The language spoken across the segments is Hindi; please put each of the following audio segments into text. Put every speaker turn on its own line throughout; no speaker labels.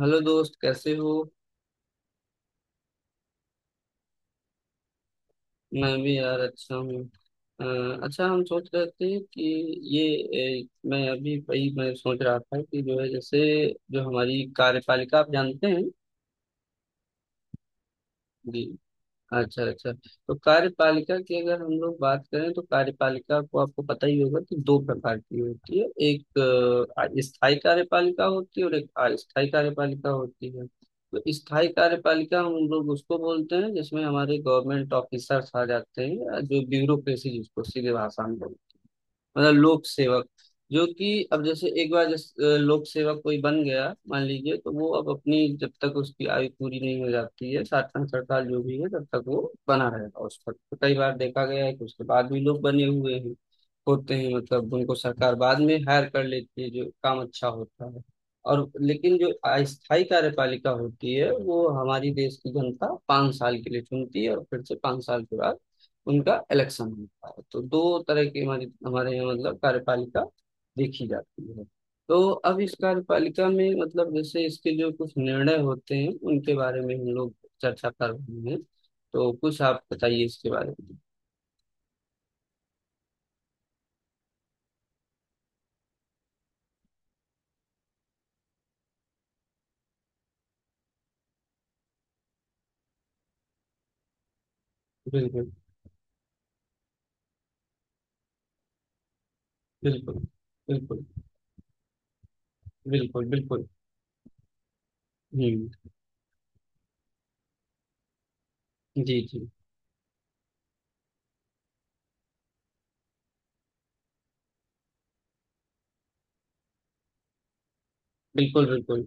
हेलो दोस्त, कैसे हो? मैं भी यार अच्छा हूँ। अ, अच्छा, हम सोच रहे थे कि ये मैं अभी वही मैं सोच रहा था कि जो है जैसे जो हमारी कार्यपालिका, आप जानते हैं। जी। अच्छा अच्छा। तो कार्यपालिका की अगर हम लोग बात करें तो कार्यपालिका को आपको पता ही होगा कि दो प्रकार की होती है। एक स्थायी कार्यपालिका होती है और एक अस्थायी कार्यपालिका होती है। तो स्थायी कार्यपालिका हम लोग उसको बोलते हैं जिसमें हमारे गवर्नमेंट ऑफिसर्स आ जाते हैं, या जो ब्यूरोक्रेसी जिसको सीधे भाषा में बोलते हैं मतलब लोक सेवक। जो कि अब जैसे एक बार जैसे लोक सेवक कोई बन गया मान लीजिए, तो वो अब अपनी जब तक उसकी आयु पूरी नहीं हो जाती है, साठ पैंसठ साल जो भी है, तब तक वो बना रहेगा उस पद पर। कई बार देखा गया है कि उसके बाद भी लोग बने हुए हैं होते हैं, मतलब उनको सरकार बाद में हायर कर लेती है जो काम अच्छा होता है। और लेकिन जो अस्थायी कार्यपालिका होती है वो हमारी देश की जनता पाँच साल के लिए चुनती है, और फिर से पाँच साल के बाद उनका इलेक्शन होता है। तो दो तरह की हमारी हमारे यहाँ मतलब कार्यपालिका देखी जाती है। तो अब इस कार्यपालिका में मतलब जैसे इसके जो कुछ निर्णय होते हैं उनके बारे में हम लोग चर्चा कर रहे हैं। तो कुछ आप बताइए इसके बारे में। बिल्कुल। बिल्कुल बिल्कुल। बिल्कुल बिल्कुल। हम्म। जी जी। बिल्कुल बिल्कुल।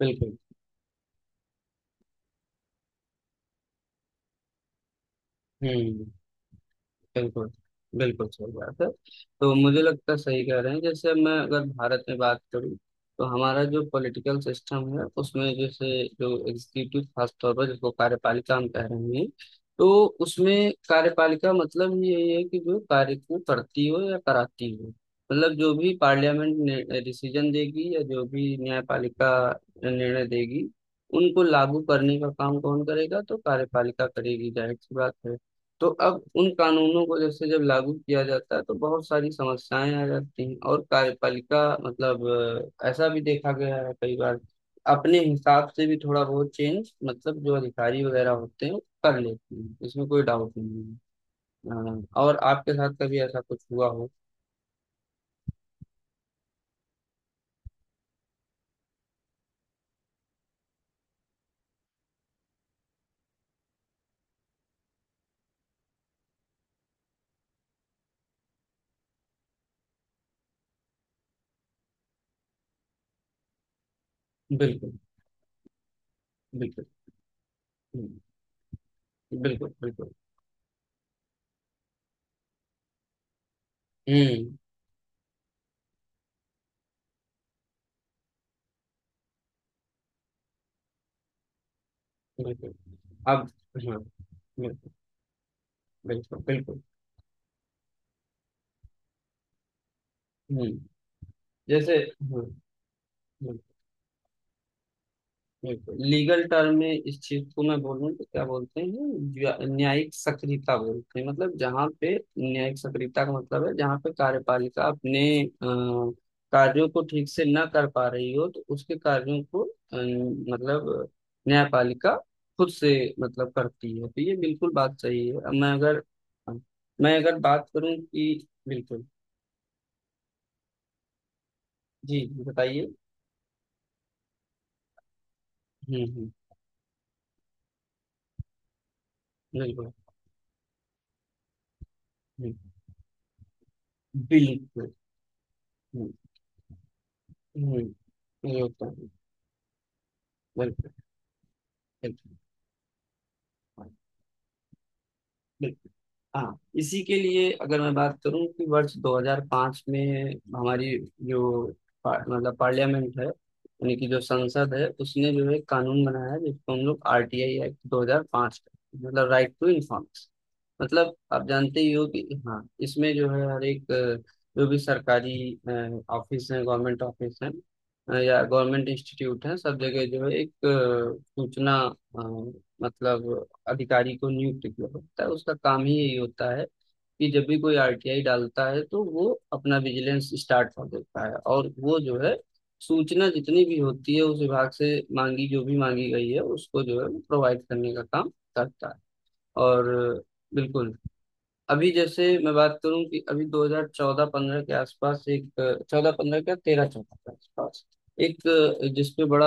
बिल्कुल। हम्म। बिल्कुल, बिल्कुल सही बात है। तो मुझे लगता है सही कह रहे हैं। जैसे मैं अगर भारत में बात करूँ, तो हमारा जो पॉलिटिकल सिस्टम है उसमें जैसे जो एग्जीक्यूटिव, खास तौर पर जिसको कार्यपालिका हम कह रहे हैं, तो उसमें कार्यपालिका मतलब ये है कि जो कार्य को करती हो या कराती हो। मतलब जो भी पार्लियामेंट ने डिसीजन देगी, या जो भी न्यायपालिका निर्णय देगी, उनको लागू करने का काम कौन करेगा? तो कार्यपालिका करेगी, जाहिर सी बात है। तो अब उन कानूनों को जैसे जब लागू किया जाता है तो बहुत सारी समस्याएं आ जाती हैं, और कार्यपालिका मतलब ऐसा भी देखा गया है कई बार अपने हिसाब से भी थोड़ा बहुत चेंज, मतलब जो अधिकारी वगैरह होते हैं वो कर लेते हैं, इसमें कोई डाउट नहीं है। और आपके साथ कभी ऐसा कुछ हुआ हो? बिल्कुल। बिल्कुल। हम्म, बिल्कुल। बिल्कुल। हम्म। बिल्कुल। अब हाँ, बिल्कुल बिल्कुल। बिल्कुल। हम्म। जैसे हाँ, बिल्कुल। लीगल टर्म में इस चीज को मैं बोलूँ तो क्या बोलते हैं, न्यायिक सक्रियता बोलते हैं। मतलब जहाँ पे न्यायिक सक्रियता का मतलब है, जहाँ पे कार्यपालिका अपने कार्यों को ठीक से ना कर पा रही हो तो उसके कार्यों को मतलब न्यायपालिका खुद से मतलब करती है। तो ये बिल्कुल बात सही है। अब मैं अगर बात करूं कि बिल्कुल। जी बताइए। हम्म। बिल्कुल। हम्म, बिल्कुल। हम्म हम्म। ये होता है। बिल्कुल बिल्कुल बिल्कुल। हाँ, इसी के लिए अगर मैं बात करूं कि वर्ष 2005 में हमारी जो मतलब पार्लियामेंट है, यानी कि जो संसद है, उसने जो है एक कानून बनाया है जिसको हम लोग आरटीआई एक्ट 2005 कहते हैं, मतलब राइट टू इन्फॉर्मेशन। मतलब आप जानते ही हो कि हाँ, इसमें जो है हर एक जो भी सरकारी ऑफिस है, गवर्नमेंट ऑफिस है, या गवर्नमेंट इंस्टीट्यूट है, सब जगह जो है एक सूचना अ, मतलब अधिकारी को नियुक्त किया होता है। उसका काम ही यही होता है कि जब भी कोई आरटीआई डालता है तो वो अपना विजिलेंस स्टार्ट कर देता है, और वो जो है सूचना जितनी भी होती है उस विभाग से मांगी, जो भी मांगी गई है उसको जो है प्रोवाइड करने का काम करता है। और बिल्कुल, अभी जैसे मैं बात करूं कि अभी 2014-15 के आसपास, एक 14-15 का, 13-14 के आसपास एक, जिसपे बड़ा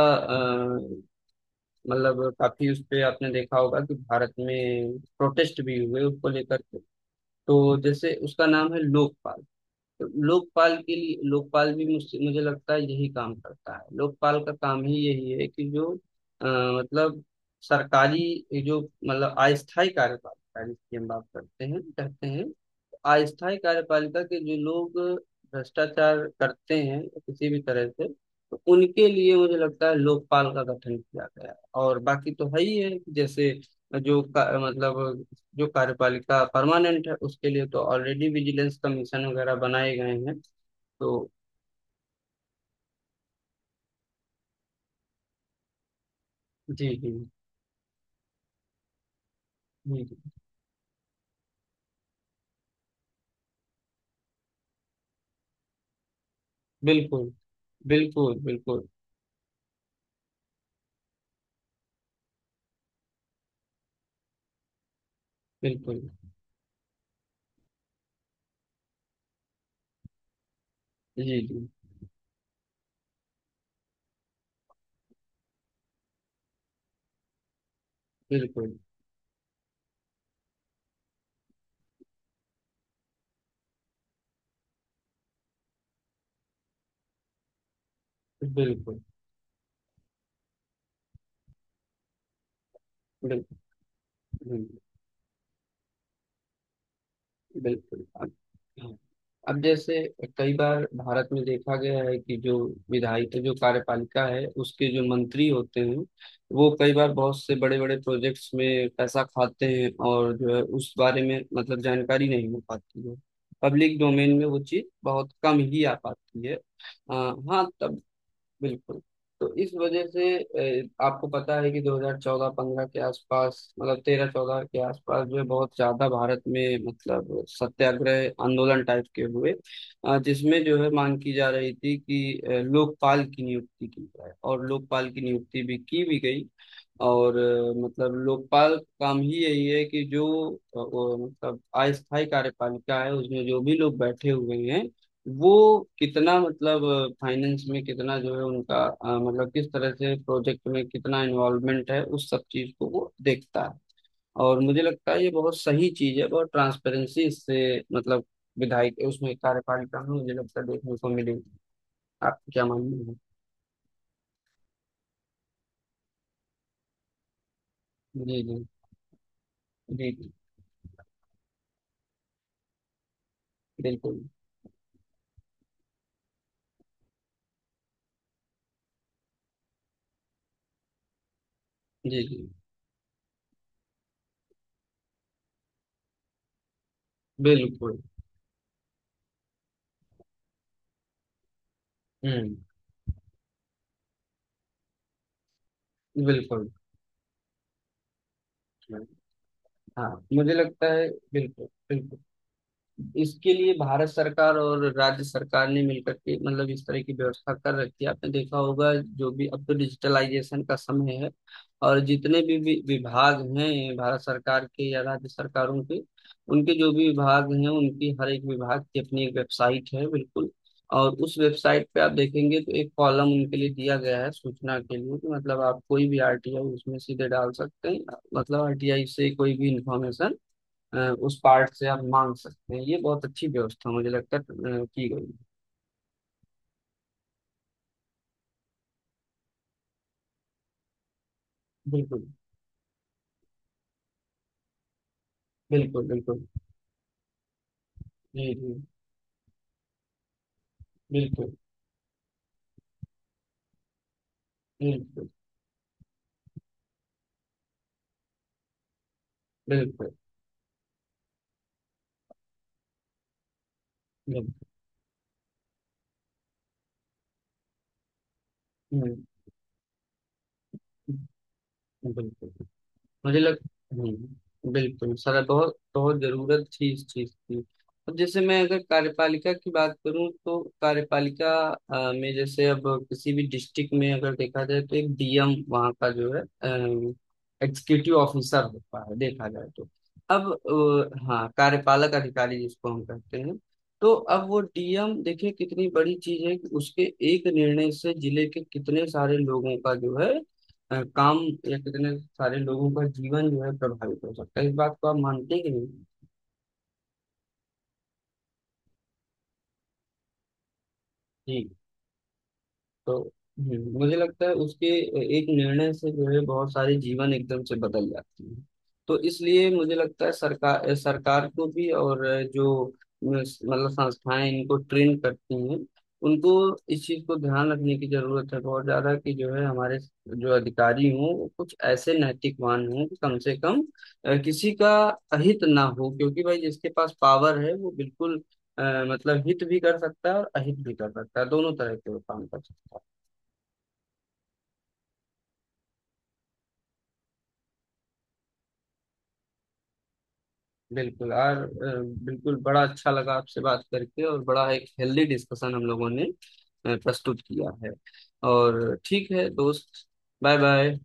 मतलब काफी उस पे आपने देखा होगा कि भारत में प्रोटेस्ट भी हुए उसको लेकर के। तो जैसे उसका नाम है लोकपाल। तो लोकपाल के लिए, लोकपाल भी मुझसे मुझे लगता है यही काम करता है। लोकपाल का काम ही यही है कि जो अ, मतलब सरकारी जो मतलब अस्थायी कार्यपालिका जिसकी हम बात करते हैं कहते हैं, अस्थायी कार्यपालिका के जो लोग भ्रष्टाचार करते हैं किसी भी तरह से, तो उनके लिए मुझे लगता है लोकपाल का गठन किया गया है। और बाकी तो है ही है कि जैसे जो मतलब जो कार्यपालिका परमानेंट है उसके लिए तो ऑलरेडी विजिलेंस कमीशन वगैरह बनाए गए हैं। तो जी जी। जी जी। बिल्कुल बिल्कुल। बिल्कुल बिल्कुल। जी जी। बिल्कुल बिल्कुल। बिल्कुल। जी। बिल्कुल। अब जैसे कई बार भारत में देखा गया है कि जो विधायिका, जो कार्यपालिका है उसके जो मंत्री होते हैं, वो कई बार बहुत से बड़े बड़े प्रोजेक्ट्स में पैसा खाते हैं, और जो है उस बारे में मतलब जानकारी नहीं हो पाती है, पब्लिक डोमेन में वो चीज बहुत कम ही आ पाती है। हाँ तब बिल्कुल। तो इस वजह से आपको पता है कि 2014-15 के आसपास, मतलब 13-14 के आसपास, जो है बहुत ज्यादा भारत में मतलब सत्याग्रह आंदोलन टाइप के हुए, जिसमें जो है मांग की जा रही थी कि लोकपाल की नियुक्ति की जाए, और लोकपाल की नियुक्ति भी की भी गई। और मतलब लोकपाल का काम ही यही है कि जो वो, मतलब अस्थायी कार्यपालिका है उसमें जो भी लोग बैठे हुए हैं, वो कितना मतलब फाइनेंस में कितना जो है उनका मतलब किस तरह से प्रोजेक्ट में कितना इन्वॉल्वमेंट है, उस सब चीज को वो देखता है। और मुझे लगता है ये बहुत सही चीज है, बहुत ट्रांसपेरेंसी इससे मतलब विधायक उसमें कार्यपालिका में मुझे लगता है देखने को मिलेगी। आप क्या मानना है? जी जी। जी जी। बिल्कुल। जी जी। बिल्कुल। हम्म। बिल्कुल। हाँ, मुझे लगता है बिल्कुल बिल्कुल। इसके लिए भारत सरकार और राज्य सरकार ने मिलकर के मतलब इस तरह की व्यवस्था कर रखी है। आपने देखा होगा, जो भी अब तो डिजिटलाइजेशन का समय है, और जितने भी विभाग हैं भारत सरकार के या राज्य सरकारों के, उनके जो भी विभाग हैं, उनकी हर एक विभाग की अपनी एक वेबसाइट है, बिल्कुल। और उस वेबसाइट पे आप देखेंगे तो एक कॉलम उनके लिए दिया गया है सूचना के लिए, कि मतलब आप कोई भी आरटीआई उसमें सीधे डाल सकते हैं। मतलब आरटीआई से कोई भी इंफॉर्मेशन उस पार्ट से आप मांग सकते हैं। ये बहुत अच्छी व्यवस्था मुझे लगता है की गई है। बिल्कुल बिल्कुल। बिल्कुल। जी जी। बिल्कुल बिल्कुल। बिल्कुल बिल्कुल। हम्म, बिल्कुल। मुझे लग बिल्कुल सर, बहुत बहुत जरूरत थी इस चीज की। अब जैसे मैं अगर कार्यपालिका की बात करूं तो कार्यपालिका में जैसे अब किसी भी डिस्ट्रिक्ट में अगर देखा जाए तो एक डीएम वहाँ का जो है एग्जीक्यूटिव ऑफिसर होता है, देखा जाए तो। अब हाँ, कार्यपालक अधिकारी जिसको हम कहते हैं। तो अब वो डीएम, देखिए कितनी बड़ी चीज है कि उसके एक निर्णय से जिले के कितने सारे लोगों का जो है काम, या कितने सारे लोगों का जीवन जो है प्रभावित हो सकता है। इस बात को आप मानते हैं कि नहीं? जी। तो मुझे लगता है उसके एक निर्णय से जो है बहुत सारे जीवन एकदम से बदल जाते हैं। तो इसलिए मुझे लगता है सरकार, सरकार को भी और जो मतलब संस्थाएं इनको ट्रेन करती हैं उनको इस चीज को ध्यान रखने की जरूरत है बहुत ज्यादा, कि जो है हमारे जो अधिकारी हों वो कुछ ऐसे नैतिकवान हों कि कम से कम किसी का अहित ना हो, क्योंकि भाई जिसके पास पावर है वो बिल्कुल अ, मतलब हित भी कर सकता है और अहित भी कर सकता है, दोनों तरह के वो काम कर सकता है। बिल्कुल और बिल्कुल, बड़ा अच्छा लगा आपसे बात करके, और बड़ा एक हेल्दी डिस्कशन हम लोगों ने प्रस्तुत किया है। और ठीक है दोस्त, बाय बाय।